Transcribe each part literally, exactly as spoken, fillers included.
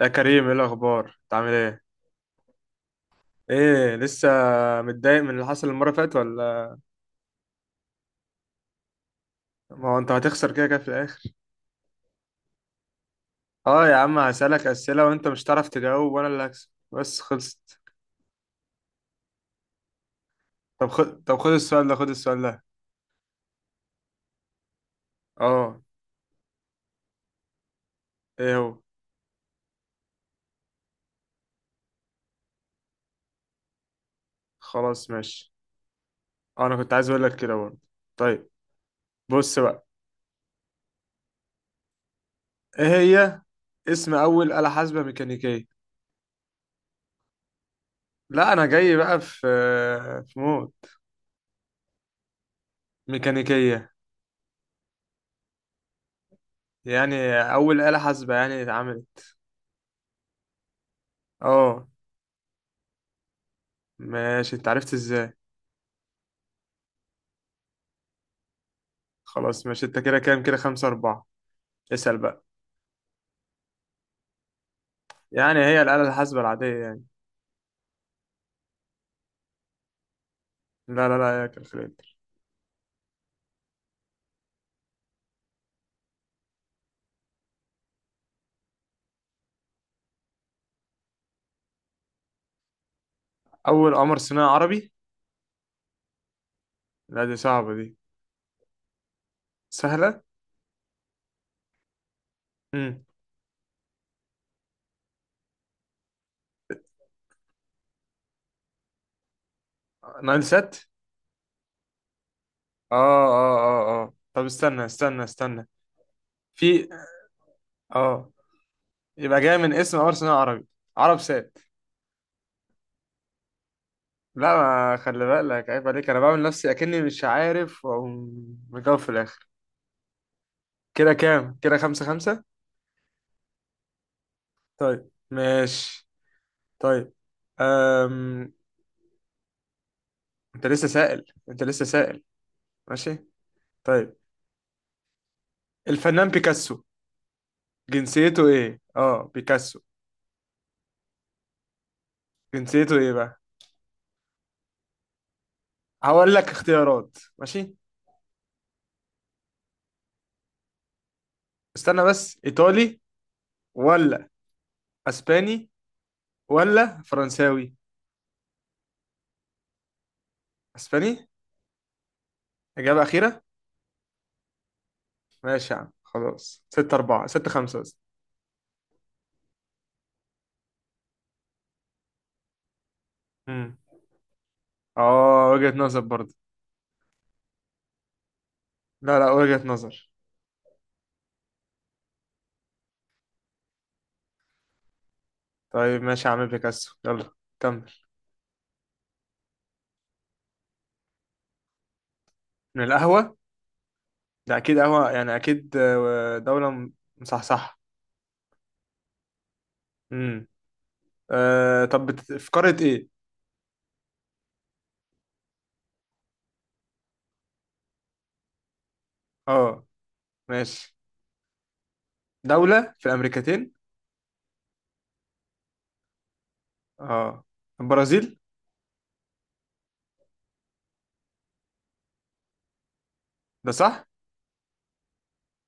يا كريم ايه الاخبار؟ انت عامل ايه؟ ايه لسه متضايق من اللي حصل المره اللي فاتت ولا؟ ما هو انت هتخسر كده كده في الاخر. اه يا عم هسألك اسئله وانت مش هتعرف تجاوب وانا اللي هكسب. بس خلصت. طب خد، طب خد السؤال ده خد السؤال ده. اه. ايه هو؟ خلاص ماشي. آه، انا كنت عايز اقول لك كده برضه. طيب. بص بقى. ايه هي؟ اسم اول آلة حاسبة ميكانيكية. لا انا جاي بقى في، في مود. ميكانيكية. يعني اول آلة حاسبة يعني اتعملت. اه. ماشي، انت عرفت ازاي؟ خلاص ماشي، انت كده كام؟ كده خمسة أربعة. اسأل بقى. يعني هي الآلة الحاسبة العادية يعني. لا لا لا يا كالكوليتر. أول قمر صناعي عربي. لا دي صعبة دي. سهلة. امم. نايل سات. اه اه اه اه طب استنى استنى استنى في. اه. يبقى جاي من اسم قمر صناعي عربي. عرب سات. لا ما خلي بالك، عيب عليك. أنا بعمل نفسي أكني مش عارف وأقوم مجاوب في الآخر. كده كام؟ كده خمسة خمسة. طيب ماشي. طيب. أم... انت لسه سائل؟ انت لسه سائل. ماشي. طيب. الفنان بيكاسو، جنسيته ايه؟ اه بيكاسو، جنسيته ايه بقى؟ هقول لك اختيارات، ماشي. استنى بس، ايطالي ولا اسباني ولا فرنساوي؟ اسباني. اجابة اخيرة؟ ماشي يا عم خلاص، ستة أربعة، ستة خمسة قصدي. امم. اه، وجهة نظر برضه. لا لا، وجهة نظر. طيب ماشي يا عم، بيكاسو. يلا كمل. من القهوة. ده اكيد قهوة يعني، اكيد آه، دولة م-، مصحصحة. امم. آه طب بت... في قارة ايه؟ اه. ماشي. دولة في الامريكتين. اه. البرازيل. ده صح؟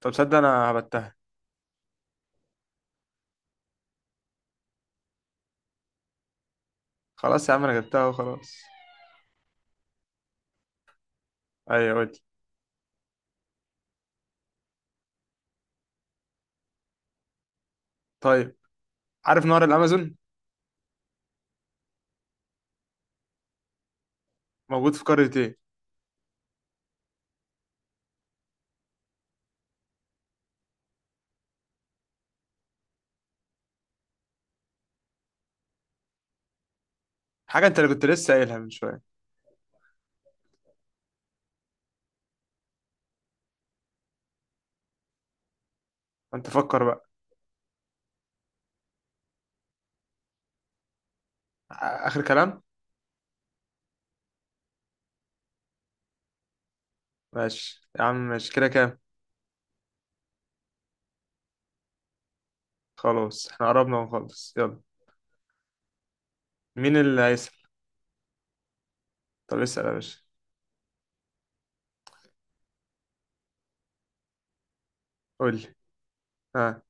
طب تصدق انا هبتها. خلاص يا عم، انا جبتها وخلاص. ايوه قول. طيب، عارف نهر الامازون؟ موجود في قارة ايه؟ حاجة انت اللي كنت لسه قايلها من شوية. انت فكر بقى. آ-، اخر كلام. ماشي يا عم، ماشي. كده كام؟ خلاص احنا قربنا ونخلص، يلا. مين اللي هيسأل؟ طب اسأل يا باشا. قول لي. ها.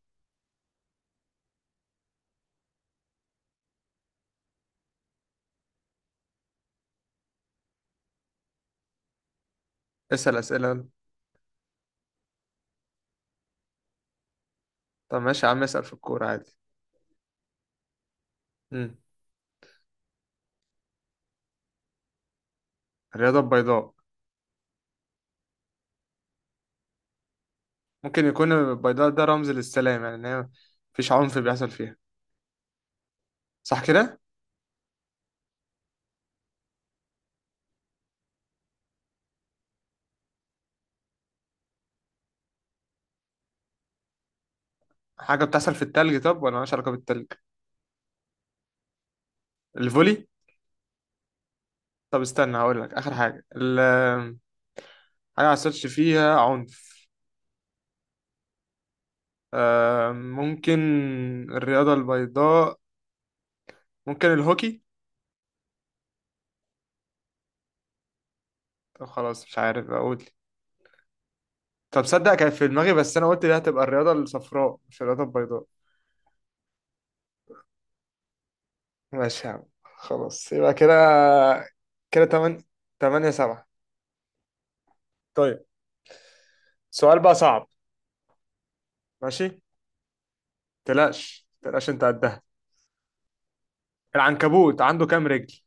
اسأل أسئلة. طب ماشي يا عم، اسأل في الكورة عادي. مم. الرياضة البيضاء. ممكن يكون البيضاء ده رمز للسلام، يعني إن هي مفيش عنف بيحصل فيها. صح كده؟ حاجة بتحصل في التلج؟ طب ولا مالهاش علاقة بالتلج؟ الفولي؟ طب استنى هقول لك آخر حاجة، ال، حاجة ما حصلش فيها عنف. آه ممكن. الرياضة البيضاء. ممكن الهوكي؟ طب خلاص مش عارف أقول. طب صدق، كان في دماغي بس أنا قلت دي هتبقى الرياضة الصفراء مش الرياضة البيضاء. ماشي يا عم خلاص، يبقى كده. كده تمن، تمانية سبعة. طيب. سؤال بقى صعب. ماشي. تلاش تلاش انت قدها. العنكبوت عنده كام رجل؟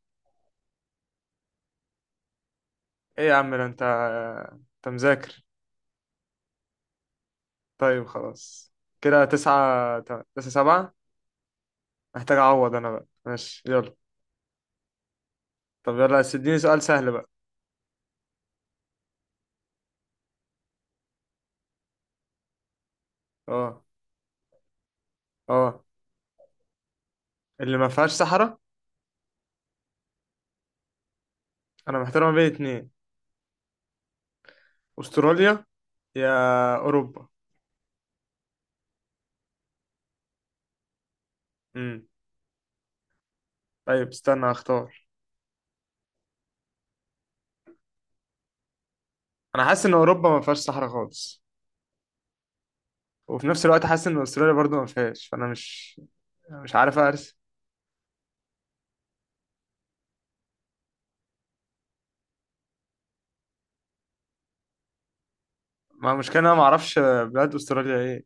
ايه يا عم، ده انت انت مذاكر. طيب خلاص. كده تسعة تم-، تسعة سبعة. محتاج اعوض انا بقى، ماشي يلا. طب يلا، بس اديني سؤال سهل بقى. اه. اه. اللي ما فيهاش صحراء. انا محتار ما بين اتنين. استراليا، يا اوروبا. امم. طيب استنى اختار. انا حاسس ان اوروبا ما فيهاش صحراء خالص، وفي نفس الوقت حاسس ان استراليا برضو ما فيهاش، فانا مش، مش عارف ارسم. ما المشكله إن انا ما اعرفش بلاد استراليا ايه.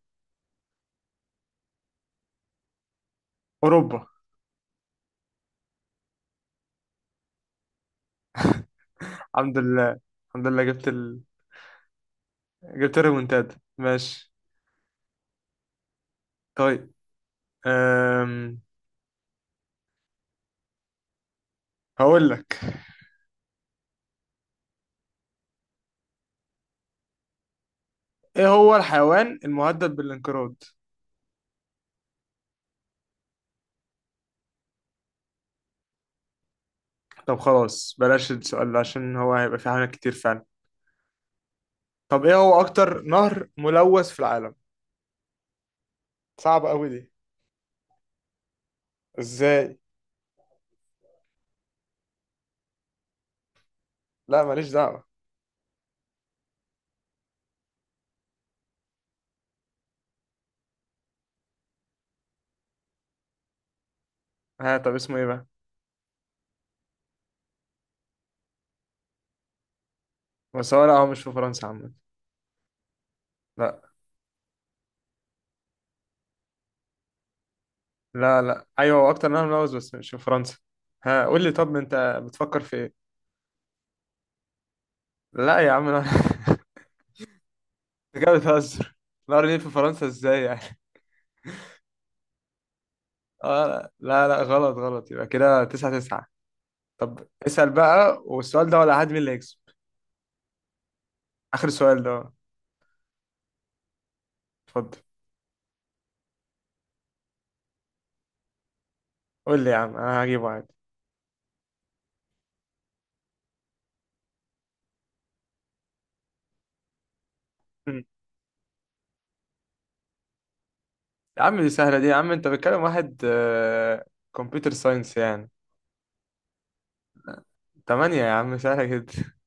اوروبا. الحمد لله. الحمد لله جبت ال...، جبت الريمونتادا، ماشي. طيب. أم... هقول لك. ايه هو الحيوان المهدد بالانقراض؟ طب خلاص بلاش السؤال ده، عشان هو هيبقى فيه حاجات كتير فعلا. طب ايه هو اكتر نهر ملوث في العالم؟ صعب قوي دي. ازاي؟ لا ماليش دعوة. ها طب اسمه ايه بقى؟ بس هو، لا هو مش في فرنسا عامة. لا لا لا ايوه، هو اكتر منها ملوز بس مش في فرنسا. ها قول لي، طب انت بتفكر في ايه؟ لا يا عم انا انت كده بتهزر، نهر النيل في فرنسا ازاي يعني؟ اه. لا لا لا، غلط غلط، يبقى كده تسعة تسعة. طب اسأل بقى، والسؤال ده ولا حد مين اللي هيكسب. اخر سؤال ده. اتفضل. قول لي يا عم، انا هجيبه عادي. مم. يا عم دي سهلة دي، يا عم انت بتكلم واحد آه، كمبيوتر ساينس يعني. تمانية يا عم، سهلة جدا.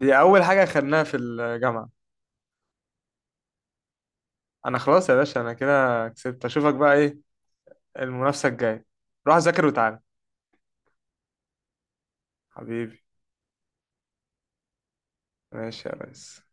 دي اول حاجة خدناها في الجامعة. انا خلاص يا باشا، انا كده كسبت. اشوفك بقى ايه، المنافسة الجاية. روح ذاكر وتعالى. حبيبي. ماشي يا ريس.